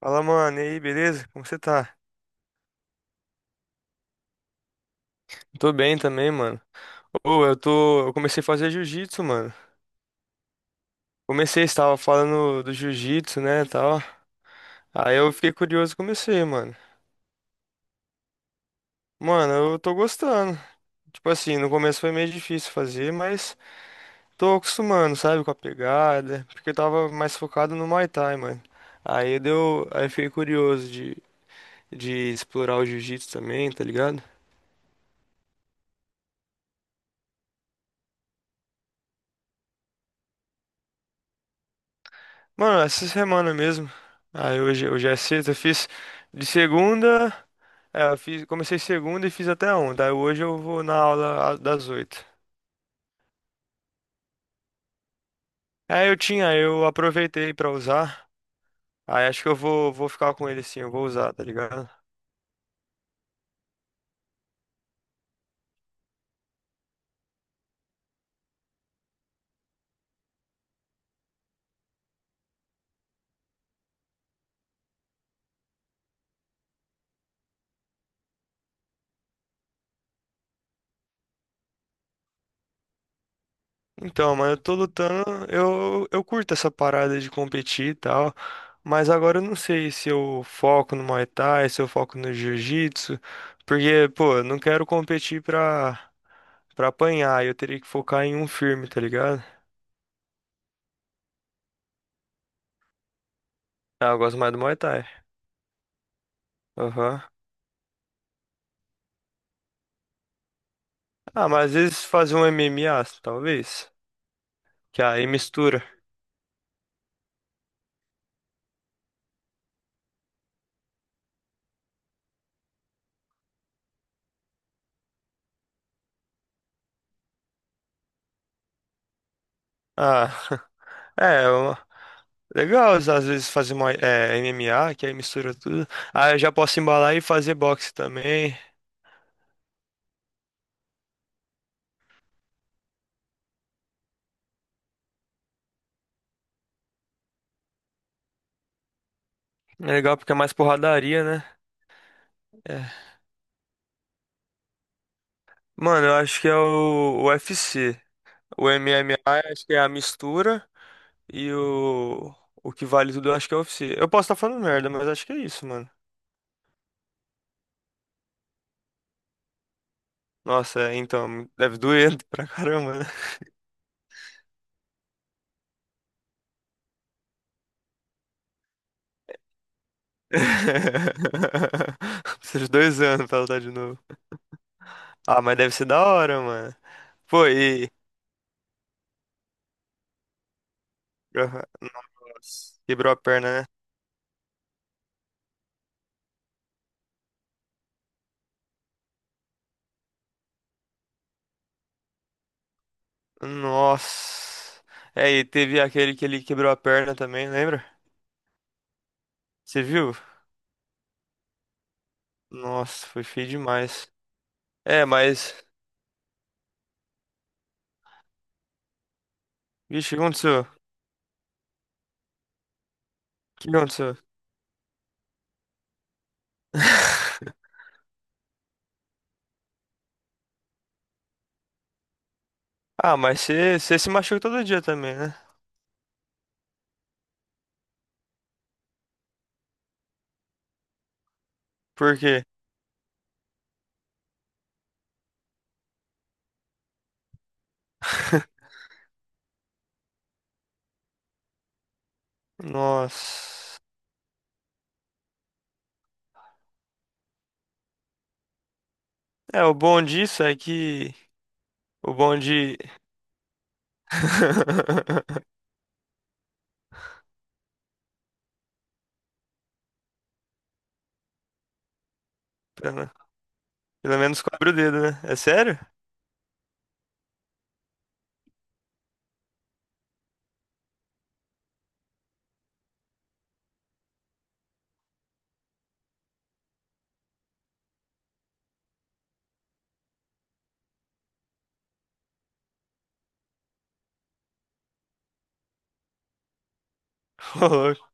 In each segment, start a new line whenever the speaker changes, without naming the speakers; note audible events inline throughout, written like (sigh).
Fala, mano, e aí, beleza? Como você tá? Tô bem também, mano. Ô, eu tô. Eu comecei a fazer jiu-jitsu, mano. Comecei, você tava falando do jiu-jitsu, né, tal. Aí eu fiquei curioso e comecei, mano. Mano, eu tô gostando. Tipo assim, no começo foi meio difícil fazer, mas tô acostumando, sabe, com a pegada. Porque eu tava mais focado no Muay Thai, mano. Aí deu. Aí eu fiquei curioso de explorar o jiu-jitsu também, tá ligado? Mano, essa semana mesmo. Hoje é sexta, eu fiz. De segunda. É, eu fiz, comecei segunda e fiz até ontem. Aí hoje eu vou na aula das oito. É, eu tinha, eu aproveitei pra usar. Aí acho que vou ficar com ele sim, eu vou usar, tá ligado? Então, mano, eu tô lutando, eu curto essa parada de competir e tal. Mas agora eu não sei se eu foco no Muay Thai, se eu foco no Jiu-Jitsu. Porque, pô, eu não quero pra apanhar. Eu teria que focar em um firme, tá ligado? Ah, eu gosto mais do Muay Thai. Aham. Ah, mas às vezes fazer um MMA, talvez. Que aí mistura. Ah, (laughs) é, legal às vezes fazer uma, é, MMA, que aí mistura tudo. Ah, eu já posso embalar e fazer boxe também. É legal porque é mais porradaria, né? É. Mano, eu acho que é o UFC. O MMA acho que é a mistura e o que vale tudo eu acho que é o UFC. Eu posso estar falando merda, mas acho que é isso, mano. Nossa, é, então, deve doer (laughs) pra caramba, né? (laughs) Precisa de 2 anos pra lutar de novo. Ah, mas deve ser da hora, mano. Pô, e. Aham. Nossa. Quebrou a perna, né? Nossa. É, e teve aquele que ele quebrou a perna também, lembra? Você viu? Nossa, foi feio demais. É, mas. Vixe, o que aconteceu? O que aconteceu? (laughs) Ah, mas você se machuca todo dia também, né? Por quê? (laughs) Nossa. É, o bom disso é que. O bom de. (laughs) Pena. Pelo menos cobre o dedo, né? É sério? (laughs) Ô, louco.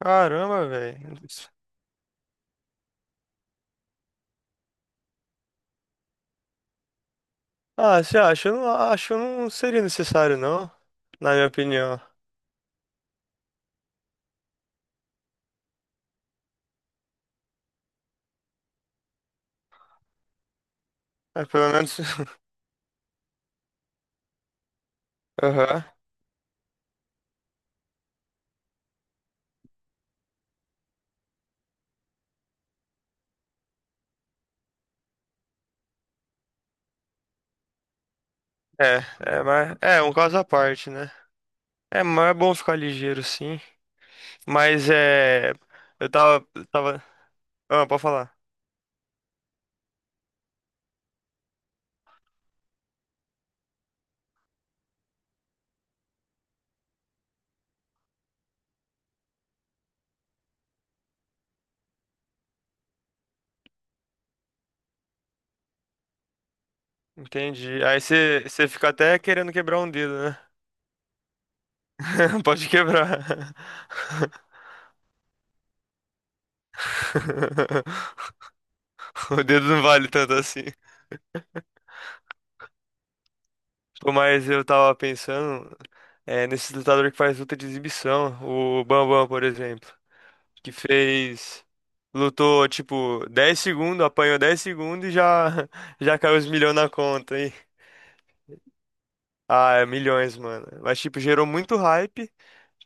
Caramba, velho. Ah, você acha? Eu não acho, que não seria necessário, não. Na minha opinião. Mas pelo menos. (laughs) Aham. É, é, mas é um caso à parte, né? É, mas é bom ficar ligeiro, sim. Mas é. Eu tava... Ah, pode falar. Entendi. Aí você fica até querendo quebrar um dedo, né? (laughs) Pode quebrar. (laughs) O dedo não vale tanto assim. Pô, mas eu tava pensando é, nesses lutadores que faz luta de exibição. O Bambam, por exemplo, que fez. Lutou, tipo, 10 segundos, apanhou 10 segundos e já, (laughs) já caiu os milhões na conta, hein? Ah, é milhões, mano. Mas, tipo, gerou muito hype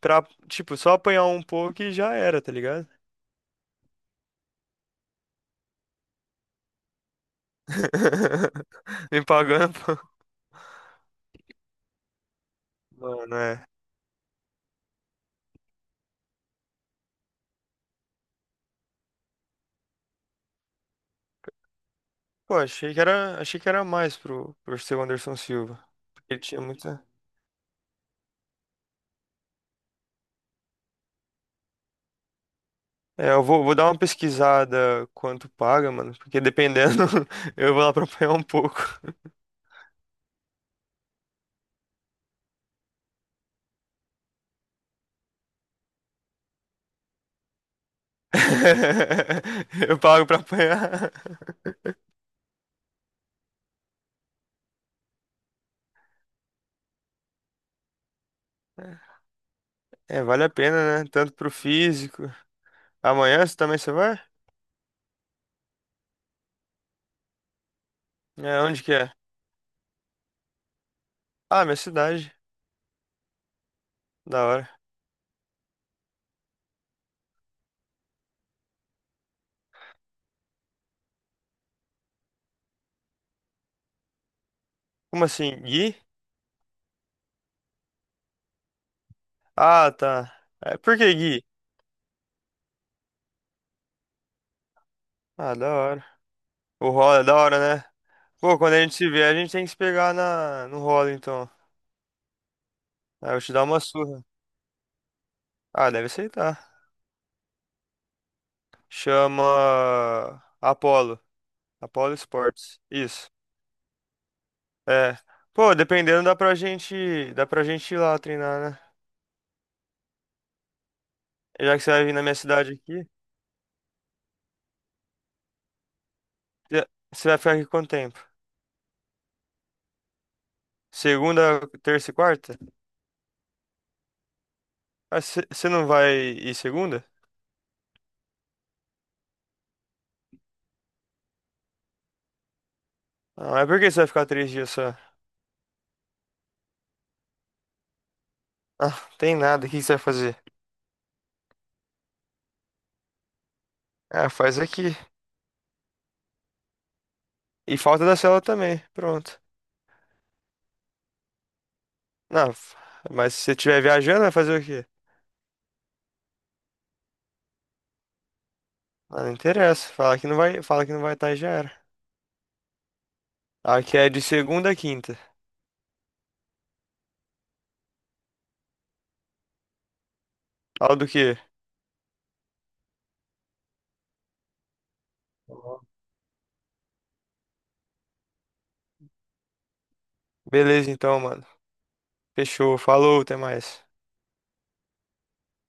pra, tipo, só apanhar um pouco e já era, tá ligado? (laughs) Me pagando, pô. Mano, é. Pô, achei que era mais pro seu Anderson Silva. Ele tinha muita. É, vou dar uma pesquisada quanto paga, mano, porque dependendo, (laughs) eu vou lá pra apanhar um pouco. (laughs) Eu pago pra apanhar. É, vale a pena, né? Tanto pro físico. Amanhã você também você vai? É, onde que é? Ah, minha cidade. Da hora. Como assim, Gui? Ah, tá. É, por que Gui? Ah, da hora. O rola é da hora, né? Pô, quando a gente se vê, a gente tem que se pegar no rola, então. Aí eu te dar uma surra. Ah, deve aceitar. Chama Apolo. Apollo Sports. Isso. É. Pô, dependendo, dá pra gente ir lá treinar, né? Já que você vai vir na minha cidade aqui, já- você vai ficar aqui quanto tempo? Segunda, terça e quarta? Ah, você não vai ir segunda? Não, é porque você vai ficar 3 dias só. Ah, tem nada. O que que você vai fazer? Ah, faz aqui. E falta da célula também. Pronto. Não, f- mas se você estiver viajando, vai fazer o quê? Ah, não interessa. Fala que não vai estar e já era. Aqui é de segunda a quinta. Fala do quê? Beleza, então, mano. Fechou. Falou, até mais.